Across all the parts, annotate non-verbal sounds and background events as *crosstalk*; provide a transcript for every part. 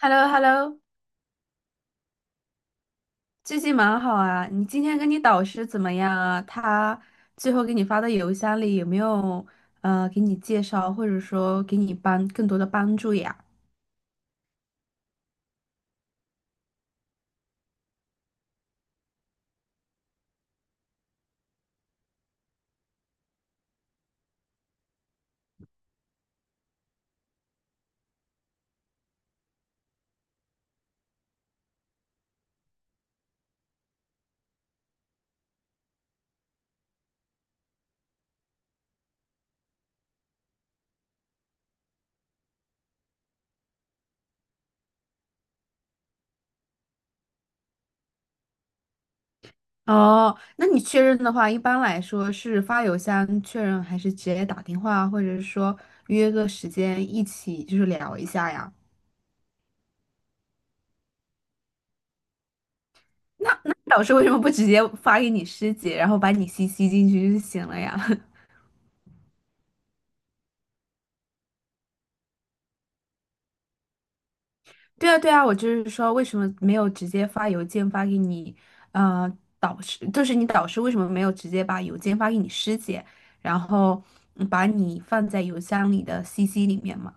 h e l l o h e l l o 最近蛮好啊。你今天跟你导师怎么样啊？他最后给你发的邮箱里有没有给你介绍，或者说给你帮更多的帮助呀？哦，那你确认的话，一般来说是发邮箱确认，还是直接打电话，或者是说约个时间一起就是聊一下呀？那导师为什么不直接发给你师姐，然后把你 CC 进去就行了呀？对啊，对啊，我就是说，为什么没有直接发邮件发给你，呃，导师，就是你导师为什么没有直接把邮件发给你师姐，然后嗯把你放在邮箱里的 CC 里面嘛？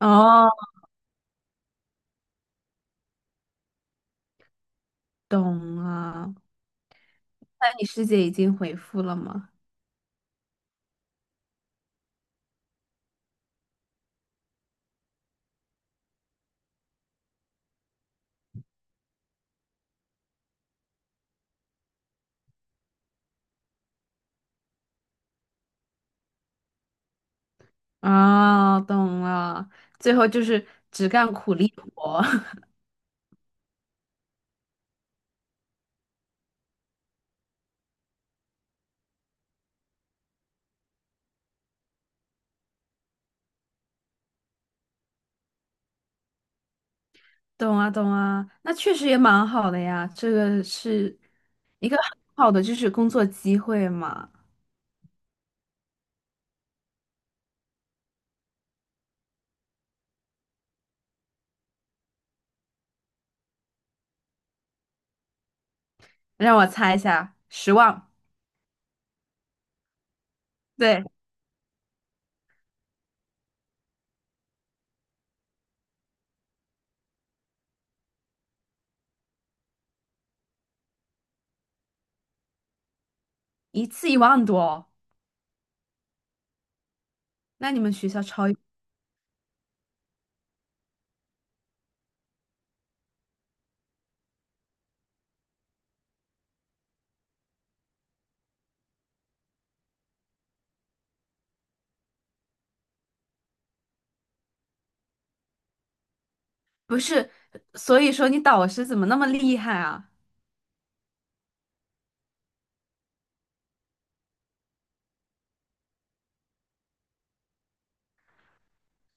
哦，懂了。那你师姐已经回复了吗？啊、懂了。最后就是只干苦力活，*laughs* 懂啊，懂啊。那确实也蛮好的呀，这个是一个很好的就是工作机会嘛。让我猜一下，10万。对，一次1万多哦。那你们学校超，不是，所以说你导师怎么那么厉害啊？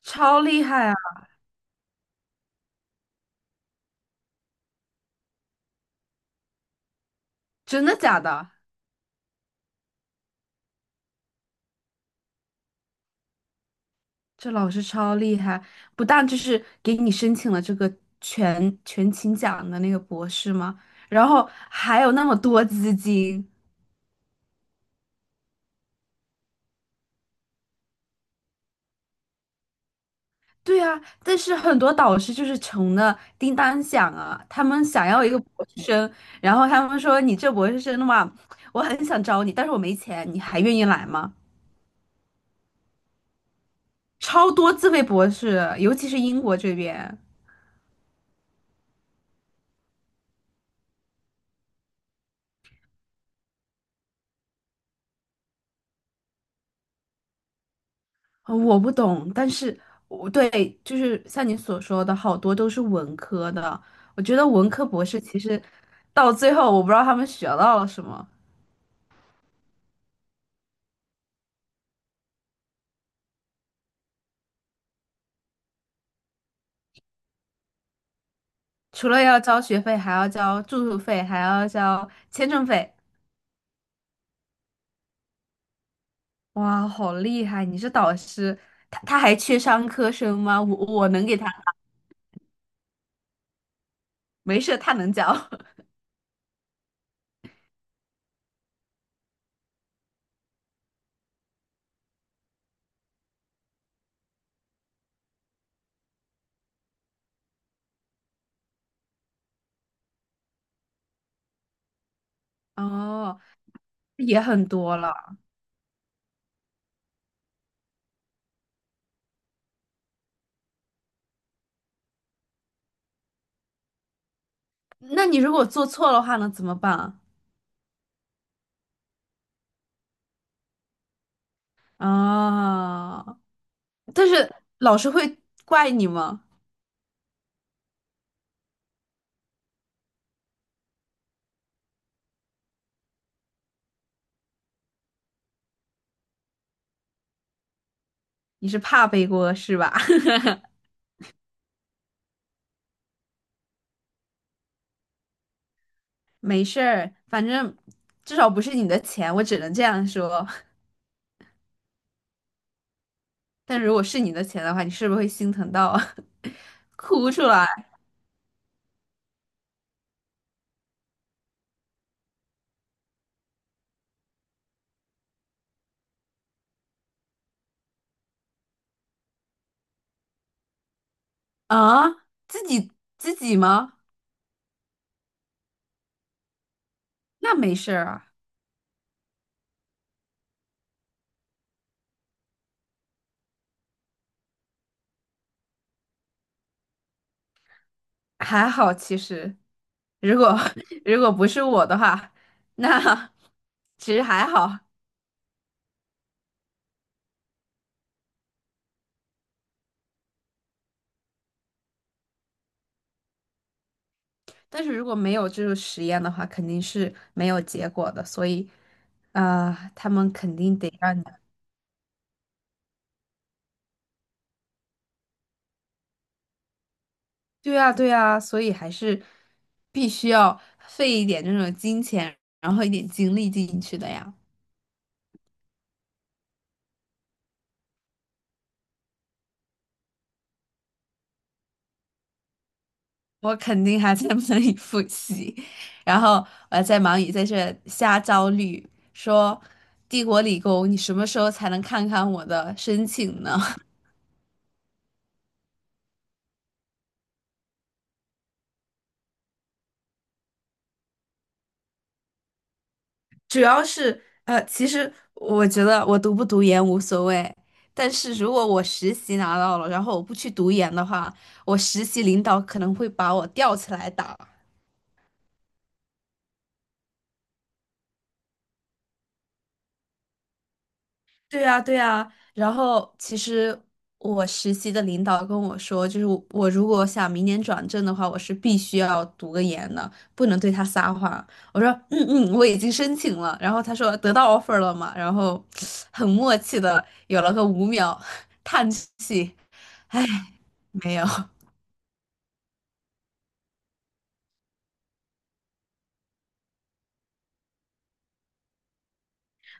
超厉害啊！真的假的？这老师超厉害，不但就是给你申请了这个全勤奖的那个博士吗？然后还有那么多资金。对啊，但是很多导师就是穷的叮当响啊，他们想要一个博士生，然后他们说你这博士生的话，我很想招你，但是我没钱，你还愿意来吗？超多自费博士，尤其是英国这边，我不懂，但是我对，就是像你所说的，好多都是文科的。我觉得文科博士其实到最后，我不知道他们学到了什么，除了要交学费，还要交住宿费，还要交签证费。哇，好厉害！你是导师，他还缺商科生吗？我能给他，没事，他能教。*laughs* 哦，也很多了。那你如果做错的话呢，怎么办？啊，但是老师会怪你吗？你是怕背锅是吧？*laughs* 没事儿，反正至少不是你的钱，我只能这样说。但如果是你的钱的话，你是不是会心疼到 *laughs* 哭出来啊？自己自己吗？那没事儿啊，还好其实。如果 *laughs* 如果不是我的话，那 *laughs* 其实还好。但是如果没有这个实验的话，肯定是没有结果的，所以，啊、他们肯定得让你，对呀，对呀。所以还是必须要费一点这种金钱，然后一点精力进去的呀。我肯定还在 *laughs* 忙里复习，然后我还在忙于在这瞎焦虑，说《帝国理工》，你什么时候才能看看我的申请呢？主要是其实我觉得我读不读研无所谓，但是如果我实习拿到了，然后我不去读研的话，我实习领导可能会把我吊起来打。对呀，对呀。然后其实我实习的领导跟我说，就是我如果想明年转正的话，我是必须要读个研的，不能对他撒谎。我说嗯嗯，我已经申请了。然后他说得到 offer 了嘛，然后很默契的有了个5秒 *laughs* 叹气。没有，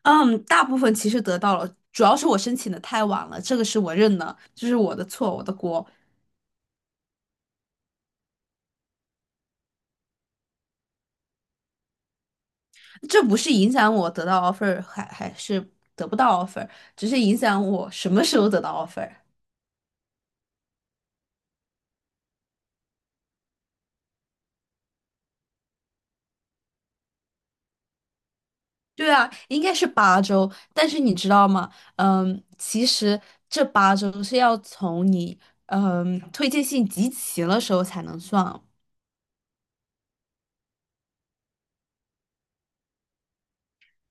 嗯，大部分其实得到了，主要是我申请的太晚了，这个是我认的，这是我的错，我的锅，这不是影响我得到 offer 还是得不到 offer，只是影响我什么时候得到 offer。对啊，应该是八周，但是你知道吗？嗯，其实这八周是要从你嗯推荐信集齐了时候才能算，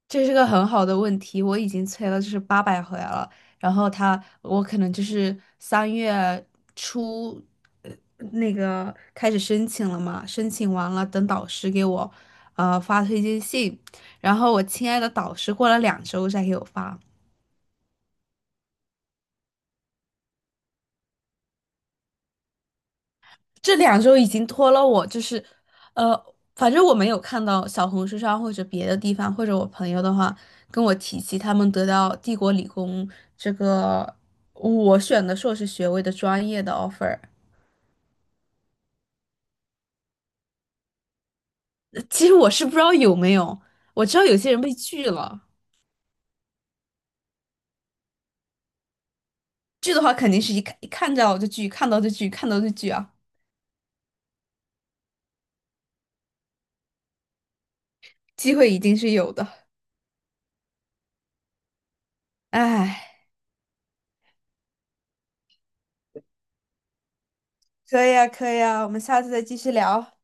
这是个很好的问题，我已经催了就是800回来了，然后他我可能就是3月初，呃，那个开始申请了嘛，申请完了等导师给我，发推荐信，然后我亲爱的导师过了两周再给我发，这两周已经拖了我，就是，反正我没有看到小红书上或者别的地方，或者我朋友的话跟我提起他们得到帝国理工这个我选的硕士学位的专业的 offer，其实我是不知道有没有，我知道有些人被拒了，拒的话肯定是一看到就拒，看到就拒，看到就拒啊，机会一定是有的，唉，可以啊，可以啊，我们下次再继续聊。